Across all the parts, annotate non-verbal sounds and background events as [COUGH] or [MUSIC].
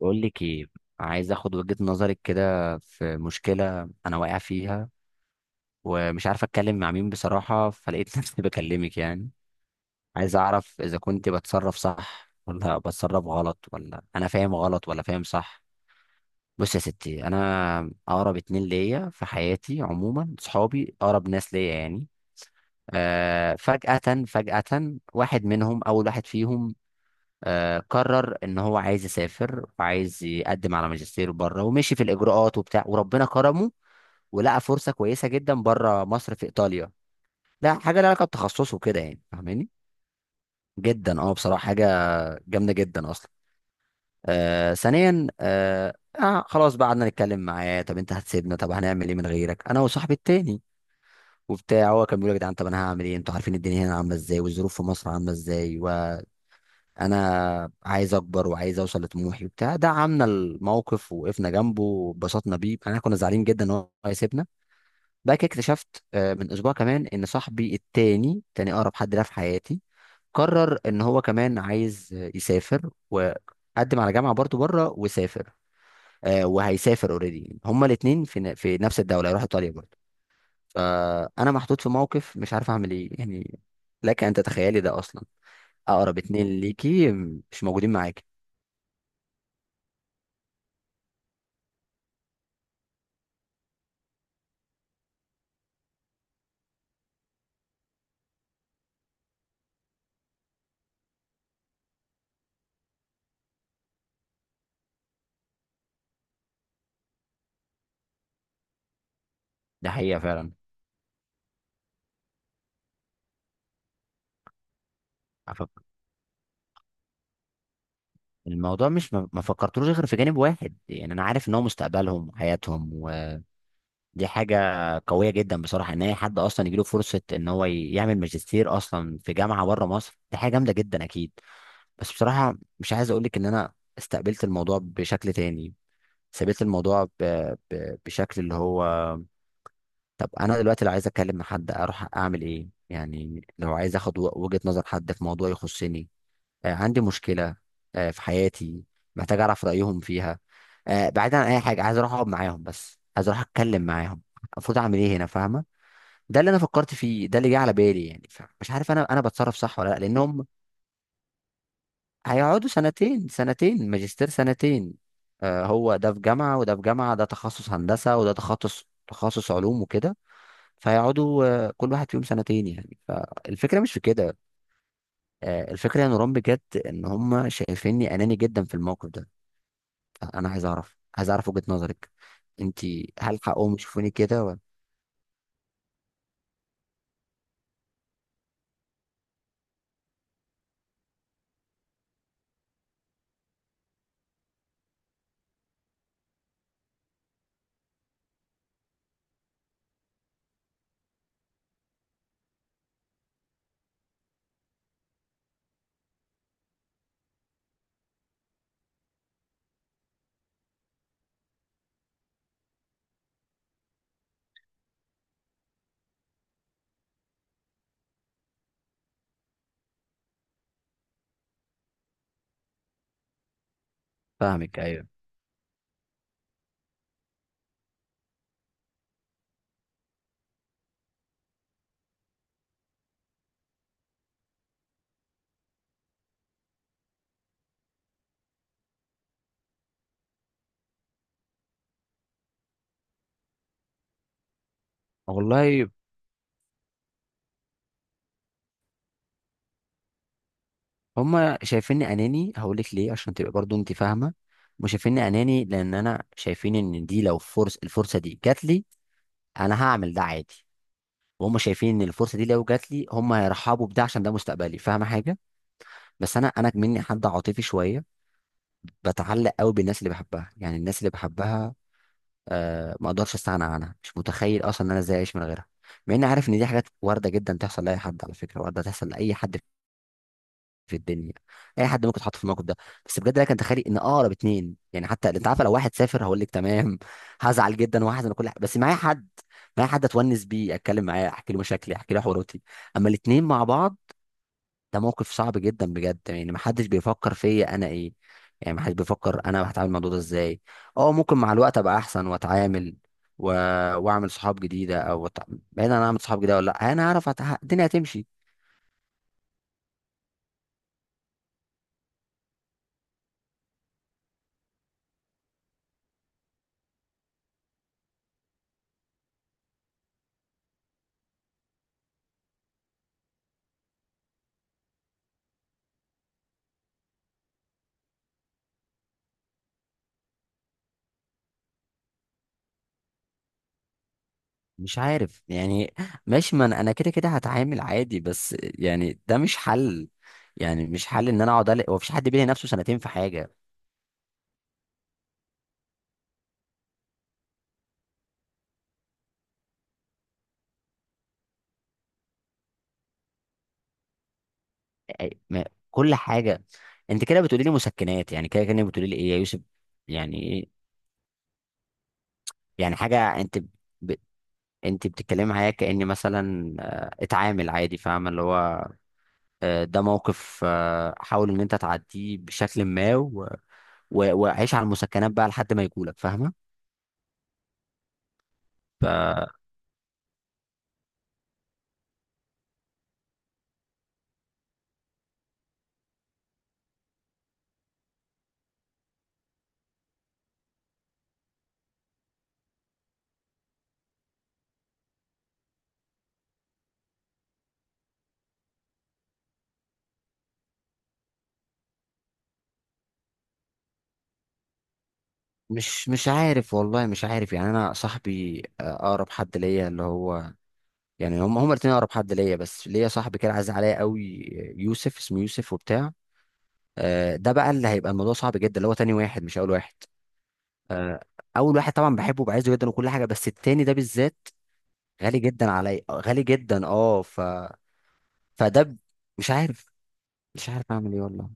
بقول لك ايه؟ عايز اخد وجهة نظرك كده في مشكلة انا واقع فيها، ومش عارف اتكلم مع مين بصراحة، فلقيت [LAUGHS] نفسي بكلمك يعني. عايز اعرف اذا كنت بتصرف صح ولا بتصرف غلط، ولا انا فاهم غلط ولا فاهم صح. بص يا ستي، انا اقرب اتنين ليا في حياتي عموما صحابي، اقرب ناس ليا يعني. فجأة، فجأة واحد منهم، اول واحد فيهم، قرر ان هو عايز يسافر، وعايز يقدم على ماجستير بره، ومشي في الاجراءات وبتاع، وربنا كرمه. ولقى فرصه كويسه جدا بره مصر، في ايطاليا. لا حاجه لها علاقه بتخصصه كده يعني، فاهماني؟ جدا، اه، بصراحه حاجه جامده جدا اصلا. ثانيا، خلاص بقى، قعدنا نتكلم معاه: طب انت هتسيبنا؟ طب هنعمل ايه من غيرك، انا وصاحبي التاني وبتاع. هو كان بيقول: يا جدعان طب انا هعمل ايه؟ انتوا عارفين الدنيا هنا عامله ازاي، والظروف في مصر عامله ازاي، و... انا عايز اكبر وعايز اوصل لطموحي وبتاع. دعمنا الموقف ووقفنا جنبه واتبسطنا بيه، احنا كنا زعلانين جدا ان هو هيسيبنا. بعد كده اكتشفت، من اسبوع كمان، ان صاحبي التاني، تاني اقرب حد ليا في حياتي، قرر ان هو كمان عايز يسافر، وقدم على جامعه برضه بره وسافر. وهيسافر اوريدي. هما الاثنين في في نفس الدوله، هيروح ايطاليا برضه. فانا محطوط في موقف، مش عارف اعمل ايه يعني. لك ان تتخيلي ده اصلا، اقرب اتنين ليكي مش موجودين معاكي. ده حقيقة فعلا. أفك... الموضوع مش، ما فكرتلوش غير في جانب واحد، يعني أنا عارف إن هو مستقبلهم وحياتهم، ودي حاجة قوية جدا بصراحة، إن أي حد أصلا يجيله فرصة إن هو يعمل ماجستير أصلا في جامعة بره مصر، دي حاجة جامدة جدا أكيد. بس بصراحة مش عايز أقولك إن أنا استقبلت الموضوع بشكل تاني. سبيت الموضوع بشكل اللي هو، طب أنا دلوقتي لو عايز أتكلم مع حد أروح أعمل إيه؟ يعني لو عايز أخد وجهة نظر حد في موضوع يخصني، عندي مشكلة، في حياتي، محتاج أعرف رأيهم فيها، بعيدا عن أي حاجة، عايز أروح أقعد معاهم، بس عايز أروح أتكلم معاهم. المفروض أعمل إيه هنا، فاهمة؟ ده اللي أنا فكرت فيه، ده اللي جه على بالي يعني. مش عارف أنا بتصرف صح ولا لأ، لأنهم هيقعدوا سنتين، سنتين ماجستير سنتين. هو ده في جامعة وده في جامعة، ده تخصص هندسة وده تخصص علوم وكده. فيقعدوا كل واحد فيهم سنتين يعني، فالفكرة مش في كده. الفكرة يا نوران بجد، إن هم شايفيني أناني جدا في الموقف ده. انا عايز اعرف، وجهة نظرك. انت، هل حقهم يشوفوني كده ولا؟ فاهمك ايوه. والله، هما شايفيني اناني، هقول لك ليه، عشان تبقى برضو انت فاهمه. مش شايفيني اناني، لان انا شايفين ان دي، لو الفرصه دي جات لي، انا هعمل ده عادي. وهم شايفين ان الفرصه دي لو جات لي، هم هيرحبوا بده، عشان ده مستقبلي. فاهمه حاجه؟ بس انا مني حد عاطفي شويه، بتعلق قوي بالناس اللي بحبها، يعني الناس اللي بحبها. ما اقدرش استغنى عنها، مش متخيل اصلا ان انا ازاي اعيش من غيرها. مع اني عارف ان دي حاجات وارده جدا تحصل لاي حد، على فكره وارده تحصل لاي حد في الدنيا. اي حد ممكن يتحط في الموقف ده. بس بجد، لك انت تخيل ان اقرب اتنين يعني، حتى انت عارف لو واحد سافر هقول لك تمام [LAUGHS] هزعل جدا وهحزن وكل حاجه، بس معايا حد، معايا حد اتونس بيه، اتكلم معاه، احكي له مشاكلي، احكي له حواراتي. اما الاتنين مع بعض، ده موقف صعب جدا بجد، يعني محدش بيفكر فيا انا ايه، يعني محدش بيفكر انا هتعامل مع الموضوع ده ازاي. اه، ممكن مع الوقت ابقى احسن واتعامل، و... واعمل صحاب جديده، او بعيد عن اعمل صحاب جديده، ولا لا انا هعرف الدنيا هتمشي. مش عارف يعني. ماشي، ما انا كده كده هتعامل عادي، بس يعني ده مش حل. يعني مش حل ان انا اقعد، هو مفيش حد بيلي نفسه سنتين في حاجه. أي- ما- كل حاجه. انت كده بتقولي لي مسكنات يعني، كده كانك بتقولي لي ايه يا يوسف، يعني ايه؟ يعني حاجه، انت بتتكلمي معايا كأني مثلا اتعامل عادي، فاهمة اللي هو، ده موقف، حاول ان انت تعديه بشكل ما، وعيش على المسكنات بقى لحد ما يجولك، فاهمة؟ فمش مش عارف والله، مش عارف يعني. انا صاحبي، اقرب حد ليا اللي هو، يعني هم الاتنين اقرب حد ليا، بس ليا صاحبي كده عايز عليا قوي، يوسف، اسمه يوسف وبتاع. ده بقى اللي هيبقى الموضوع صعب جدا، اللي هو تاني واحد مش اول واحد. آه، اول واحد طبعا بحبه وبعزه جدا وكل حاجه، بس التاني ده بالذات غالي جدا علي، غالي جدا. اه ف فده ب- مش عارف، مش عارف اعمل ايه والله.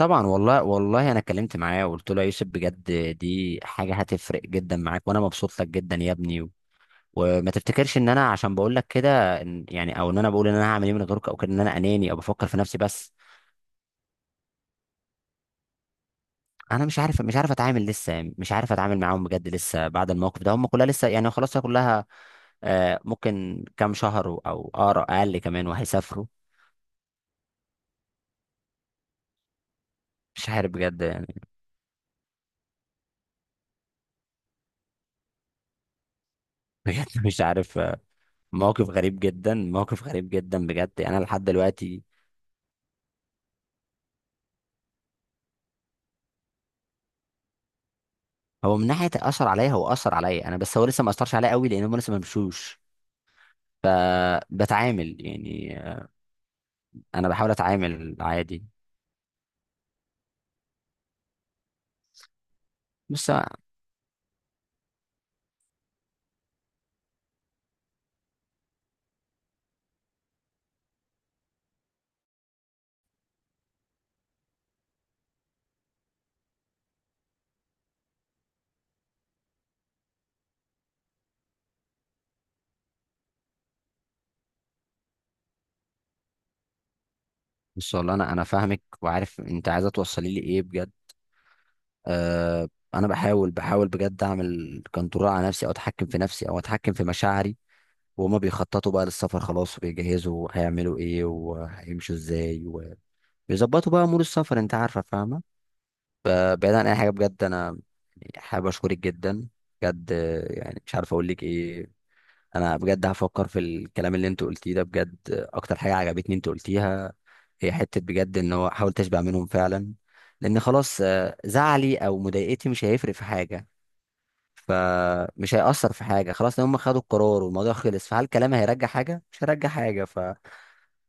طبعا، والله والله انا اتكلمت معاه وقلت له: يا يوسف بجد، دي حاجه هتفرق جدا معاك، وانا مبسوط لك جدا يا ابني، وما تفتكرش ان انا عشان بقول لك كده يعني، او ان انا بقول ان انا هعمل ايه من غيرك، او كده ان انا اناني او بفكر في نفسي بس. انا مش عارف اتعامل، لسه مش عارف اتعامل معاهم بجد، لسه بعد الموقف ده هم كلها لسه يعني، خلاص هي كلها، ممكن كام شهر او اقرا اقل كمان، وهيسافروا. مش عارف بجد يعني. بجد [LAUGHS] مش عارف. موقف غريب جدا، موقف غريب جدا بجد، يعني انا لحد دلوقتي، هو من ناحيه اثر عليا، هو اثر عليا انا، بس هو لسه ما اثرش عليا قوي، لان هم لسه ما مشوش. فبتعامل يعني، انا بحاول اتعامل عادي. بس. بس والله، انا فاهمك، وعارف انت عايزه توصلي لي ايه بجد. انا بحاول بجد اعمل كنترول على نفسي، او اتحكم في نفسي، او اتحكم في مشاعري. وهما بيخططوا بقى للسفر خلاص، وبيجهزوا هيعملوا ايه وهيمشوا ازاي، بيظبطوا بقى امور السفر، انت عارفه، فاهمه؟ بعيد عن اي حاجه بجد، انا حابب اشكرك جدا، بجد. يعني مش عارف اقول لك ايه. انا بجد هفكر في الكلام اللي انت قلتيه ده، بجد. اكتر حاجه عجبتني انت قلتيها، هي حته بجد ان هو: حاول تشبع منهم فعلا، لان خلاص، زعلي او مضايقتي مش هيفرق في حاجه، فمش هيأثر في حاجه خلاص. لو هم خدوا القرار والموضوع خلص، فهل كلامي هيرجع حاجه؟ مش هيرجع حاجه. ف...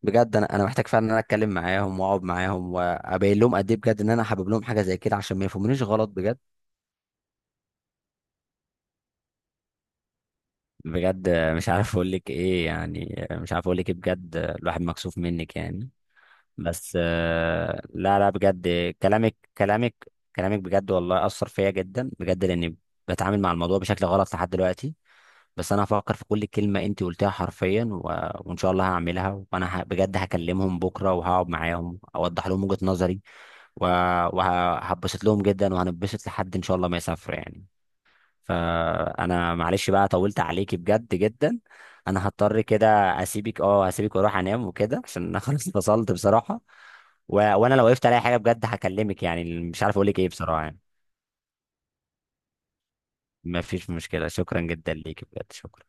بجد، انا محتاج فعلا ان انا اتكلم معاهم واقعد معاهم، وابين لهم قد ايه بجد ان انا حابب لهم حاجه زي كده، عشان ما يفهمونيش غلط بجد. بجد مش عارف اقول لك ايه يعني، مش عارف اقول لك ايه بجد، الواحد مكسوف منك يعني. بس، لا لا بجد. كلامك كلامك كلامك، بجد والله اثر فيا جدا بجد، لاني بتعامل مع الموضوع بشكل غلط لحد دلوقتي. بس انا هفكر في كل كلمه انت قلتيها حرفيا، وان شاء الله هعملها، وانا بجد هكلمهم بكره وهقعد معاهم، اوضح لهم وجهه نظري، وهتبسط لهم جدا، وهنبسط لحد ان شاء الله ما يسافر يعني. فانا معلش بقى، طولت عليكي بجد جدا. انا هضطر كده اسيبك، هسيبك واروح انام وكده، عشان انا [LAUGHS] خلاص فصلت بصراحة. وانا لو وقفت على حاجة بجد هكلمك، يعني مش عارف اقول لك ايه بصراحة يعني. ما فيش مشكلة، شكرا جدا ليك بجد، شكرا.